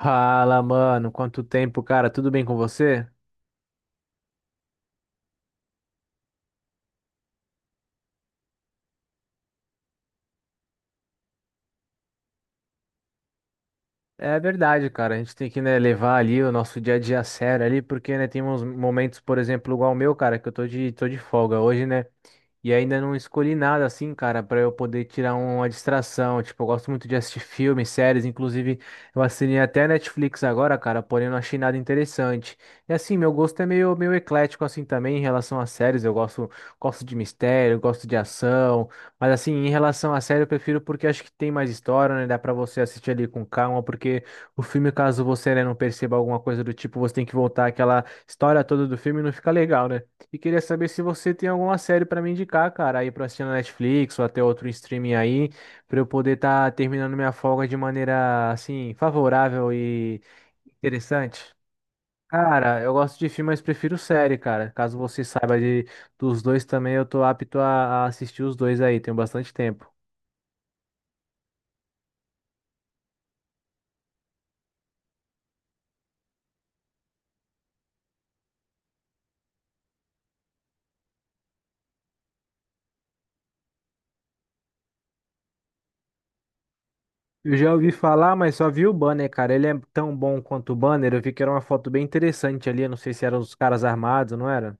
Fala, mano, quanto tempo, cara? Tudo bem com você? É verdade, cara. A gente tem que, né, levar ali o nosso dia a dia a sério ali, porque, né, tem uns momentos, por exemplo, igual o meu, cara, que eu tô de folga hoje, né? E ainda não escolhi nada assim, cara, pra eu poder tirar uma distração. Tipo, eu gosto muito de assistir filmes, séries, inclusive eu assinei até a Netflix agora, cara, porém não achei nada interessante. E assim, meu gosto é meio eclético assim também em relação às séries. Eu gosto de mistério, gosto de ação. Mas assim, em relação à série, eu prefiro porque acho que tem mais história, né? Dá pra você assistir ali com calma, porque o filme, caso você, né, não perceba alguma coisa do tipo, você tem que voltar aquela história toda do filme e não fica legal, né? E queria saber se você tem alguma série pra me indicar, cara, aí pra assistir na Netflix ou até outro streaming aí, pra eu poder estar terminando minha folga de maneira, assim, favorável e interessante. Cara, eu gosto de filme, mas prefiro série, cara. Caso você saiba de, dos dois também, eu tô apto a assistir os dois aí, tenho bastante tempo. Eu já ouvi falar, mas só vi o banner, cara. Ele é tão bom quanto o banner. Eu vi que era uma foto bem interessante ali. Eu não sei se eram os caras armados, não era?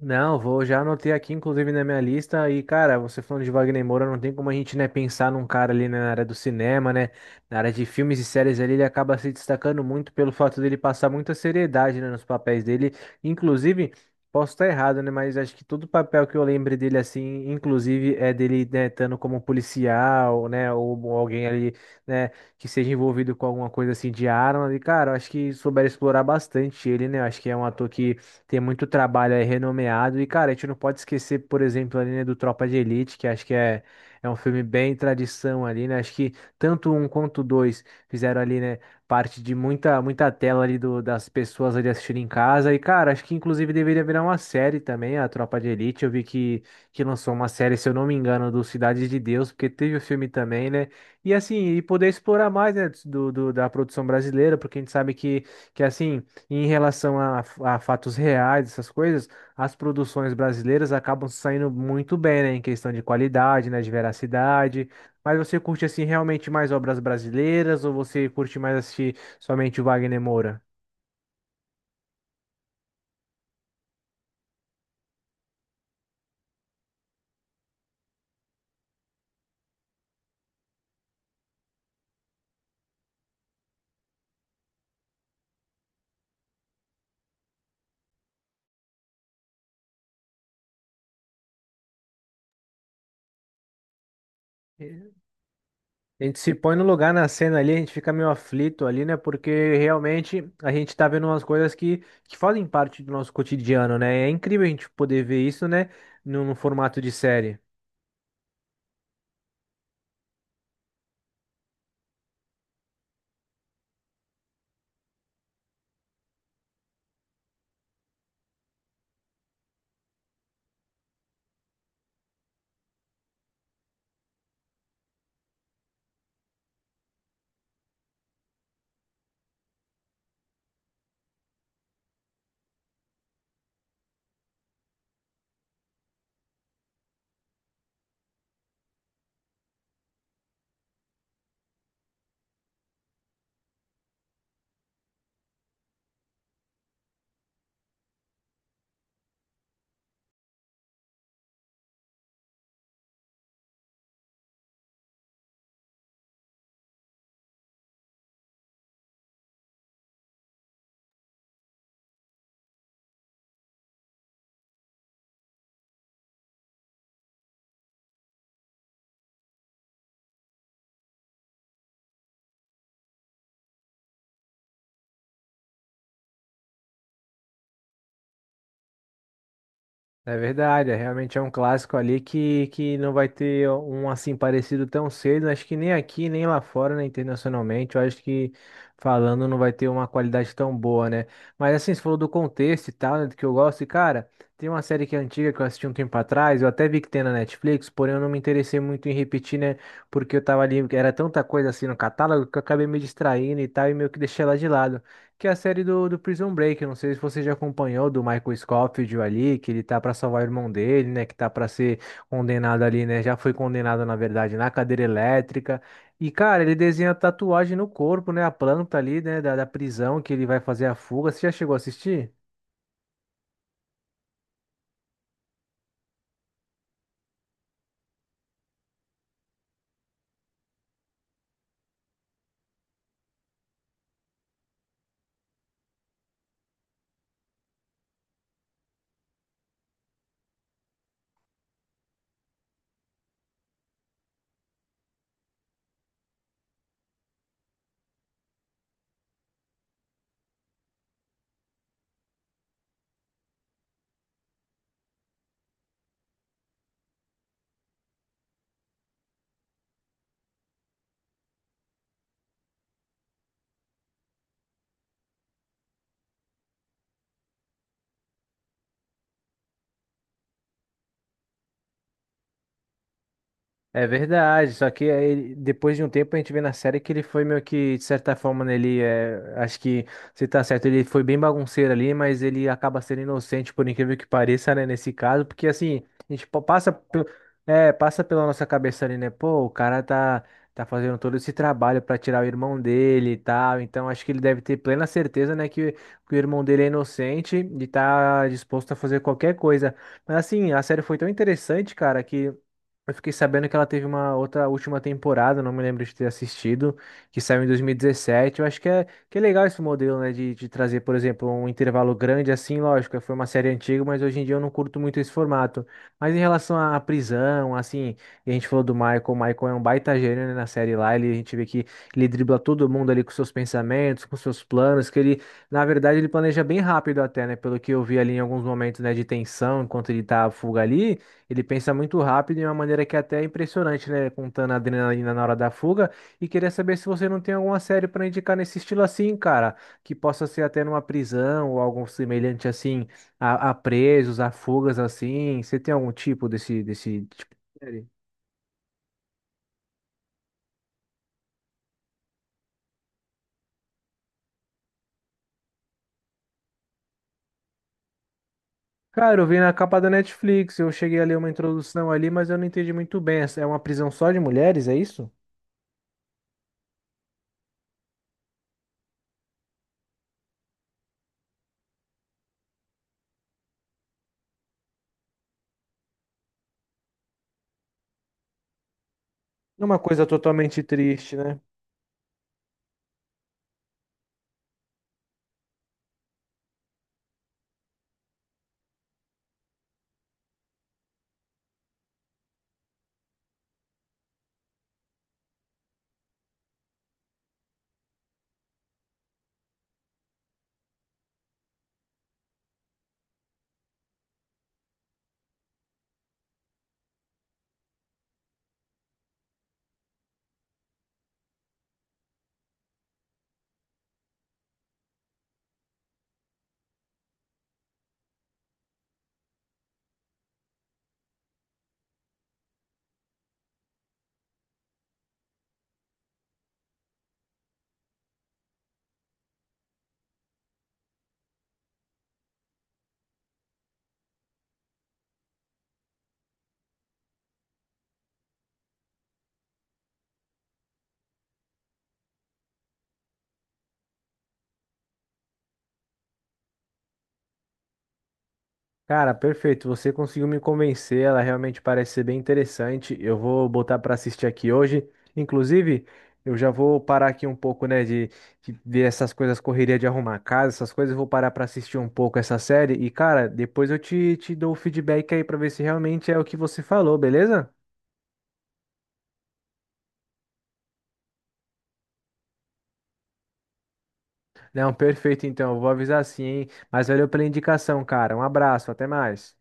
Não, vou já anotei aqui, inclusive, na minha lista. E, cara, você falando de Wagner Moura, não tem como a gente, né, pensar num cara ali né, na área do cinema, né? Na área de filmes e séries ali, ele acaba se destacando muito pelo fato dele passar muita seriedade, né, nos papéis dele. Inclusive, posso estar errado, né? Mas acho que todo papel que eu lembre dele, assim, inclusive, é dele, né, estando como policial, né? Ou alguém ali, né, que seja envolvido com alguma coisa assim de arma. E, cara, eu acho que souberam explorar bastante ele, né? Eu acho que é um ator que. Tem muito trabalho aí renomeado. E, cara, a gente não pode esquecer, por exemplo, ali, né, do Tropa de Elite, que acho que é, é um filme bem tradição ali, né? Acho que tanto um quanto dois fizeram ali, né, parte de muita tela ali do, das pessoas ali assistindo em casa. E, cara, acho que inclusive deveria virar uma série também, a Tropa de Elite. Eu vi que lançou uma série, se eu não me engano, do Cidade de Deus, porque teve o filme também, né? E assim, e poder explorar mais, né, do, do- da produção brasileira, porque a gente sabe que assim. Em relação a fatos reais, essas coisas, as produções brasileiras acabam saindo muito bem, né? Em questão de qualidade, né? De veracidade. Mas você curte, assim, realmente mais obras brasileiras ou você curte mais assistir somente o Wagner Moura? A gente se põe no lugar na cena ali, a gente fica meio aflito ali, né? Porque realmente a gente tá vendo umas coisas que fazem parte do nosso cotidiano, né? É incrível a gente poder ver isso, né? Num formato de série. É verdade, é, realmente é um clássico ali que não vai ter um assim parecido tão cedo. Acho que nem aqui, nem lá fora, né, internacionalmente. Eu acho que falando não vai ter uma qualidade tão boa, né? Mas assim, você falou do contexto e tal, né, do que eu gosto. E cara, tem uma série que é antiga que eu assisti um tempo atrás. Eu até vi que tem na Netflix, porém eu não me interessei muito em repetir, né? Porque eu tava ali, era tanta coisa assim no catálogo que eu acabei me distraindo e tal, e meio que deixei ela de lado que é a série do Prison Break. Eu não sei se você já acompanhou do Michael Scofield ali, que ele tá pra salvar o irmão dele, né? Que tá pra ser condenado ali, né? Já foi condenado, na verdade, na cadeira elétrica. E, cara, ele desenha tatuagem no corpo, né? A planta ali, né? Da prisão que ele vai fazer a fuga. Você já chegou a assistir? É verdade, só que aí, depois de um tempo a gente vê na série que ele foi meio que, de certa forma, né, ele é, acho que você tá certo, ele foi bem bagunceiro ali, mas ele acaba sendo inocente, por incrível que pareça, né, nesse caso, porque assim, a gente pa- passa, pe- é, passa pela nossa cabeça ali, né, pô, o cara tá, tá fazendo todo esse trabalho pra tirar o irmão dele e tal, então acho que ele deve ter plena certeza, né, que o irmão dele é inocente e tá disposto a fazer qualquer coisa. Mas assim, a série foi tão interessante, cara, que. Eu fiquei sabendo que ela teve uma outra última temporada, não me lembro de ter assistido, que saiu em 2017. Eu acho que é legal esse modelo, né, de trazer, por exemplo, um intervalo grande assim, lógico, foi uma série antiga, mas hoje em dia eu não curto muito esse formato. Mas em relação à prisão, assim, e a gente falou do Michael, o Michael é um baita gênio, né, na série lá, ele, a gente vê que ele dribla todo mundo ali com seus pensamentos, com seus planos, que ele, na verdade, ele planeja bem rápido até, né, pelo que eu vi ali em alguns momentos, né, de tensão, enquanto ele tá à fuga ali, ele pensa muito rápido de uma maneira que até é impressionante, né? Contando a adrenalina na hora da fuga. E queria saber se você não tem alguma série para indicar nesse estilo assim, cara, que possa ser até numa prisão ou algo semelhante assim, a presos, a fugas assim. Você tem algum tipo desse tipo de série? Cara, eu vi na capa da Netflix, eu cheguei a ler uma introdução ali, mas eu não entendi muito bem. É uma prisão só de mulheres, é isso? é Uma coisa totalmente triste, né? Cara, perfeito. Você conseguiu me convencer. Ela realmente parece ser bem interessante. Eu vou botar para assistir aqui hoje. Inclusive, eu já vou parar aqui um pouco, né, de ver essas coisas, correria de arrumar a casa, essas coisas. Eu vou parar para assistir um pouco essa série. E, cara, depois eu te dou o feedback aí para ver se realmente é o que você falou, beleza? Não, perfeito. Então, eu vou avisar sim, hein? Mas valeu pela indicação, cara. Um abraço, até mais.